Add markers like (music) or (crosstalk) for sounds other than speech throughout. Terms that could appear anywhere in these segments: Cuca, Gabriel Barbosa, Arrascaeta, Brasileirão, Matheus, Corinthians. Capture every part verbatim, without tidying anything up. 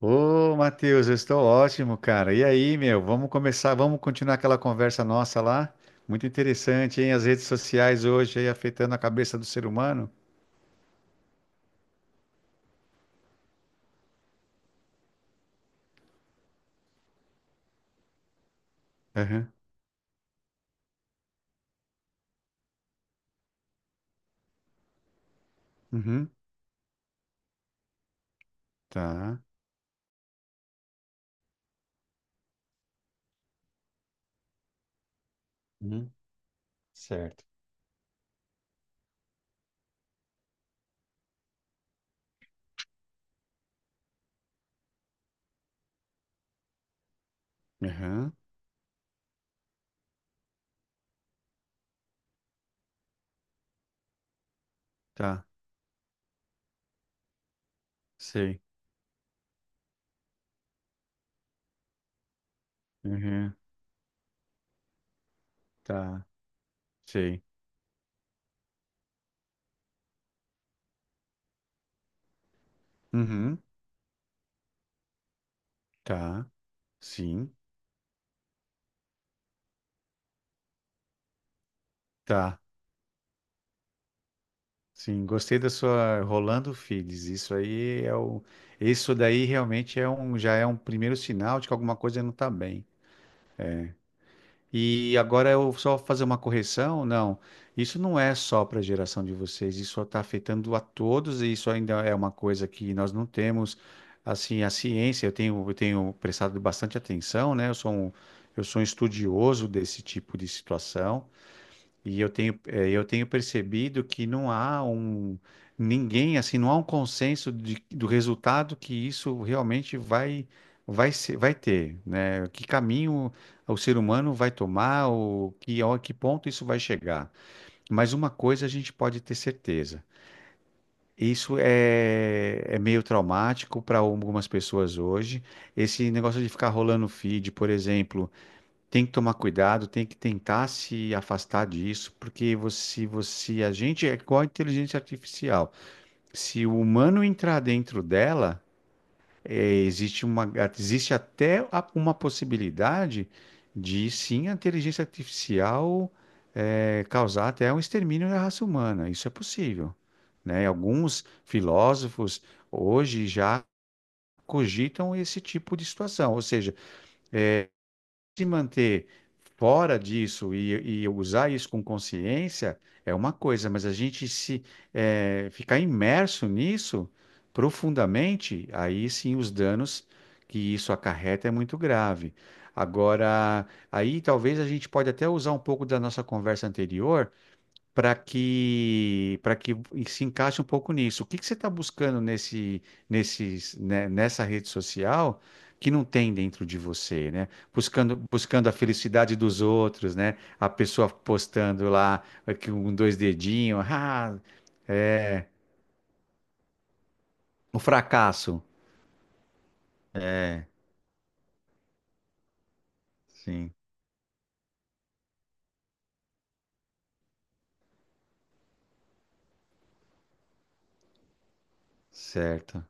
Ô, Matheus, eu estou ótimo, cara. E aí, meu? Vamos começar, vamos continuar aquela conversa nossa lá? Muito interessante, hein? As redes sociais hoje aí afetando a cabeça do ser humano. Aham, uhum, tá. Uhum, certo. Aham, tá. Sei. Aham, tá. Sei. Uhum, tá. Sim, tá. Sim, gostei da sua Rolando Fides. Isso aí é o. Isso daí realmente é um, já é um primeiro sinal de que alguma coisa não tá bem. É. E agora eu só fazer uma correção? Não, isso não é só para a geração de vocês, isso está afetando a todos e isso ainda é uma coisa que nós não temos, assim, a ciência, eu tenho, eu tenho prestado bastante atenção, né? Eu sou um, eu sou um estudioso desse tipo de situação e eu tenho, eh, eu tenho percebido que não há um ninguém assim, não há um consenso de- do resultado que isso realmente vai vai ser, vai ter, né? Que caminho o ser humano vai tomar, ou que a que ponto isso vai chegar. Mas uma coisa a gente pode ter certeza. Isso é, é meio traumático para algumas pessoas hoje. Esse negócio de ficar rolando feed, por exemplo, tem que tomar cuidado, tem que tentar se afastar disso, porque você, você, a gente é igual a inteligência artificial. Se o humano entrar dentro dela, eh, existe uma, existe até a- uma possibilidade de sim a inteligência artificial eh, causar até um extermínio da raça humana. Isso é possível, né? Alguns filósofos hoje já cogitam esse tipo de situação, ou seja se manter fora disso e, e usar isso com consciência é uma coisa, mas a gente se eh, ficar imerso nisso profundamente, aí sim os danos que isso acarreta é muito grave. Agora, aí talvez a gente pode até usar um pouco da nossa conversa anterior para que para que se encaixe um pouco nisso. O que que você está buscando nesse, nesses, né, nessa rede social que não tem dentro de você, né? Buscando, buscando a felicidade dos outros, né? A pessoa postando lá aqui um dois dedinhos, (laughs) ah, é, o fracasso. É, sim, certo.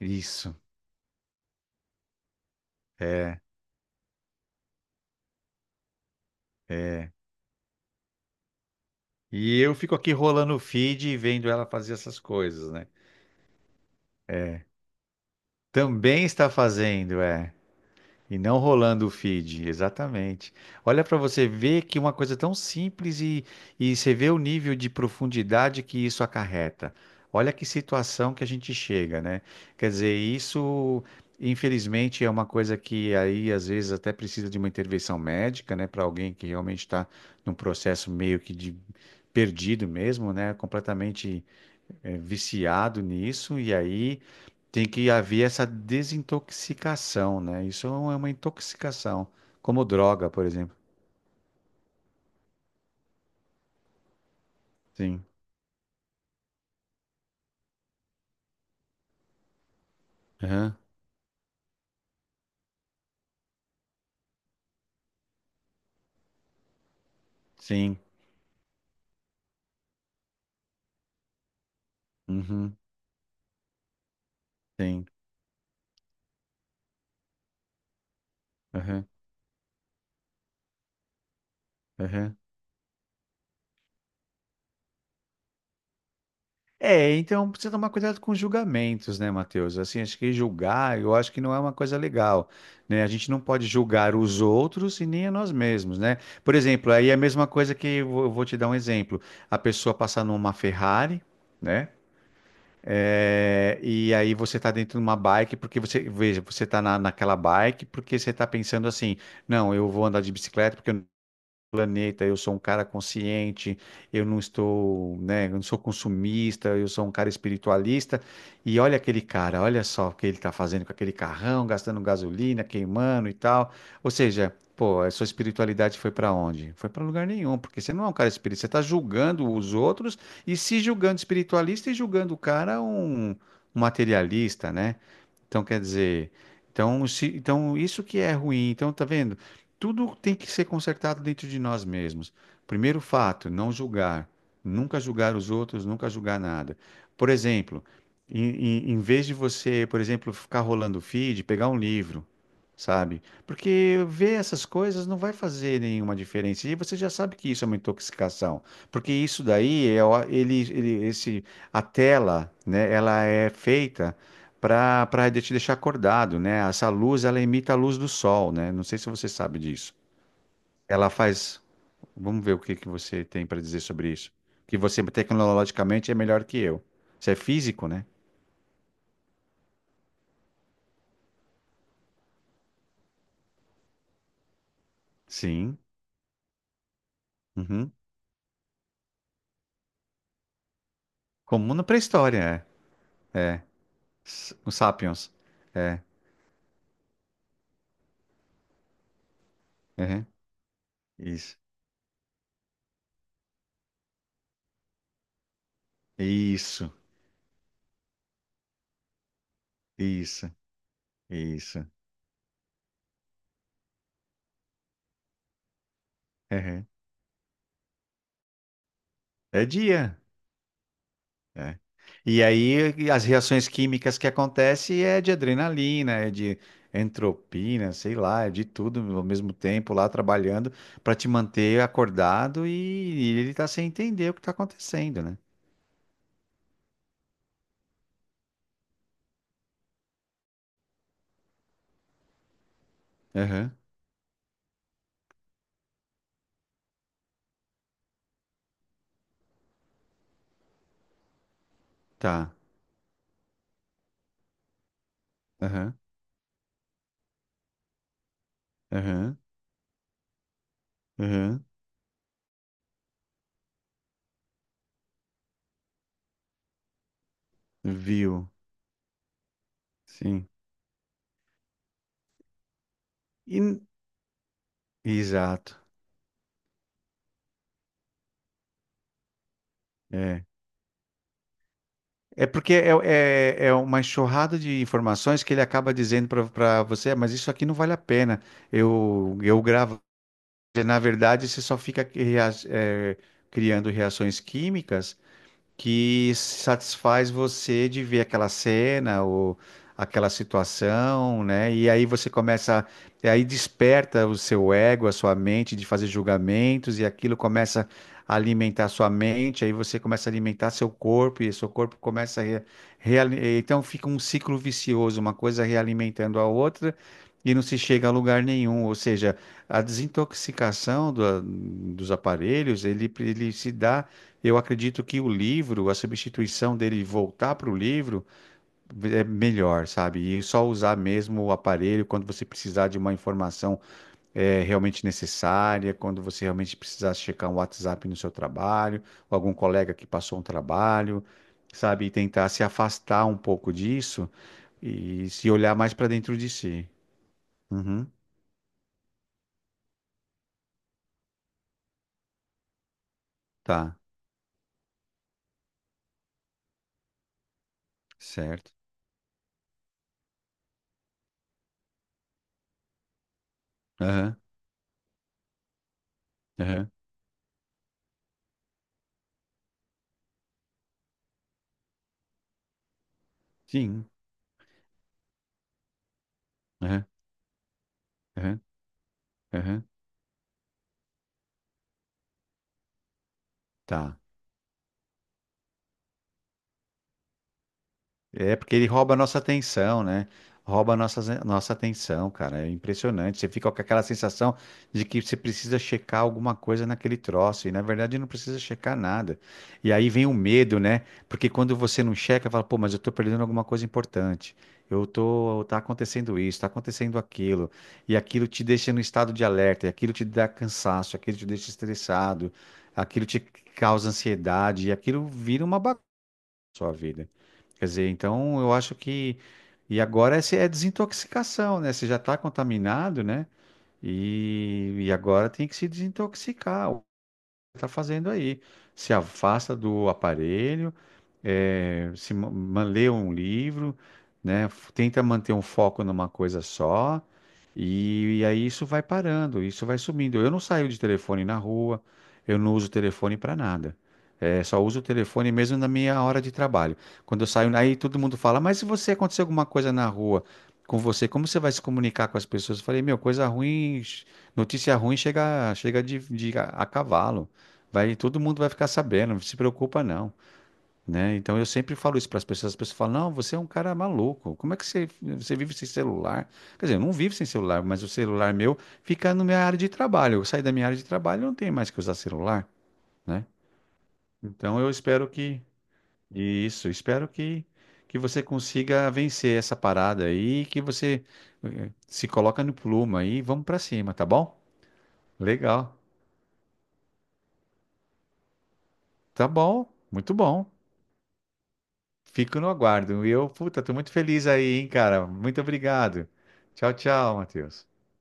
Isso. É, é. E eu fico aqui rolando o feed e vendo ela fazer essas coisas, né? Também está fazendo, é. E não rolando o feed, exatamente. Olha para você ver que uma coisa tão simples e, e você vê o nível de profundidade que isso acarreta. Olha que situação que a gente chega, né? Quer dizer, isso, infelizmente, é uma coisa que aí às vezes até precisa de uma intervenção médica, né? Para alguém que realmente está num processo meio que de perdido mesmo, né? Completamente eh, viciado nisso, e aí. Tem que haver essa desintoxicação, né? Isso é uma intoxicação, como droga, por exemplo. Sim. Aham. Sim. Uhum. Sim. Aham. Aham. É, então precisa tomar cuidado com julgamentos, né, Matheus? Assim, acho que julgar, eu acho que não é uma coisa legal, né? A gente não pode julgar os outros e nem a nós mesmos, né? Por exemplo, aí é a mesma coisa que eu vou eu vou te dar um exemplo. A pessoa passar numa Ferrari, né? É, e aí você está dentro de uma bike porque você, veja, você está na, naquela bike porque você está pensando assim, não, eu vou andar de bicicleta porque eu planeta, eu sou um cara consciente, eu não estou, né, eu não sou consumista, eu sou um cara espiritualista. E olha aquele cara, olha só o que ele está fazendo com aquele carrão, gastando gasolina, queimando e tal. Ou seja, pô, a sua espiritualidade foi para onde? Foi para lugar nenhum, porque você não é um cara espírita, você está julgando os outros e se julgando espiritualista e julgando o cara um um materialista, né? Então, quer dizer, então, se, então isso que é ruim. Então, tá vendo? Tudo tem que ser consertado dentro de nós mesmos. Primeiro fato, não julgar. Nunca julgar os outros, nunca julgar nada. Por exemplo, em, em, em vez de você, por exemplo, ficar rolando o feed, pegar um livro, sabe? Porque ver essas coisas não vai fazer nenhuma diferença. E você já sabe que isso é uma intoxicação. Porque isso daí, é, o- ele, ele, esse, a tela, né, ela é feita para para te deixar acordado, né? Essa luz, ela imita a luz do sol, né? Não sei se você sabe disso. Ela faz. Vamos ver o que que você tem para dizer sobre isso. Que você tecnologicamente é melhor que eu. Você é físico, né? Sim. Uhum. Comum na pré-história, é. É. S- Os sapiens. É. Uhum. Isso. Isso. Isso. Isso. Uhum. É dia. É. E aí as reações químicas que acontecem é de adrenalina, é de entropina, sei lá, é de tudo ao mesmo tempo lá trabalhando para te manter acordado e, e ele tá sem entender o que tá acontecendo, né? Aham, tá. Aham, aham, aham. Viu? Sim. E- Exato. É. É porque é, é, é uma enxurrada de informações que ele acaba dizendo para você, "Ah, mas isso aqui não vale a pena. Eu, eu gravo Na verdade, você só fica cria- eh, criando reações químicas que satisfaz você de ver aquela cena ou aquela situação, né? E aí você começa, e aí desperta o seu ego, a sua mente de fazer julgamentos e aquilo começa a alimentar a sua mente, aí você começa a alimentar seu corpo e seu corpo começa a re, reali- então fica um ciclo vicioso, uma coisa realimentando a outra. E não se chega a lugar nenhum, ou seja, a desintoxicação do- dos aparelhos, ele, ele se dá eu acredito que o livro, a substituição dele voltar para o livro é melhor, sabe? E só usar mesmo o aparelho quando você precisar de uma informação eh, realmente necessária, quando você realmente precisar checar um WhatsApp no seu trabalho, ou algum colega que passou um trabalho, sabe? E tentar se afastar um pouco disso e se olhar mais para dentro de si. Uhum, tá, certo. Aham, aham, sim, aham, aham, aham, tá. É porque ele rouba a nossa atenção, né? Rouba a nossa, nossa atenção, cara. É impressionante. Você fica com aquela sensação de que você precisa checar alguma coisa naquele troço. E na verdade não precisa checar nada. E aí vem o medo, né? Porque quando você não checa, fala, pô, mas eu tô perdendo alguma coisa importante. Eu tô, tá acontecendo isso, tá acontecendo aquilo. E aquilo te deixa no estado de alerta, e aquilo te dá cansaço, aquilo te deixa estressado, aquilo te causa ansiedade, e aquilo vira uma bagunça sua vida. Quer dizer, então eu acho que. E agora essa é desintoxicação, né? Você já está contaminado, né? E, e agora tem que se desintoxicar. O que você está fazendo aí? Se afasta do aparelho, eh, se ma- ma- lê um livro, né? f- Tenta manter um foco numa coisa só, e, e aí isso vai parando, isso vai sumindo. Eu não saio de telefone na rua, eu não uso telefone para nada. Eh, só uso o telefone mesmo na minha hora de trabalho. Quando eu saio, aí todo mundo fala, mas se você acontecer alguma coisa na rua com você, como você vai se comunicar com as pessoas? Eu falei, meu, coisa ruim, ch- notícia ruim chega, chega de, de a a cavalo. Vai, todo mundo vai ficar sabendo, não se preocupa não né? Então eu sempre falo isso para as pessoas. As pessoas falam: não, você é um cara maluco. Como é que você, você vive sem celular? Quer dizer, eu não vivo sem celular, mas o celular meu fica na minha área de trabalho. Eu saí da minha área de trabalho, eu não tenho mais que usar celular, né? Então eu espero que isso, espero que que você consiga vencer essa parada aí, que você eh, se coloca no plumo aí, e vamos para cima, tá bom? Legal. Tá bom. Muito bom. Fico no aguardo. E eu, puta, tô muito feliz aí, hein, cara. Muito obrigado. Tchau, tchau, Matheus.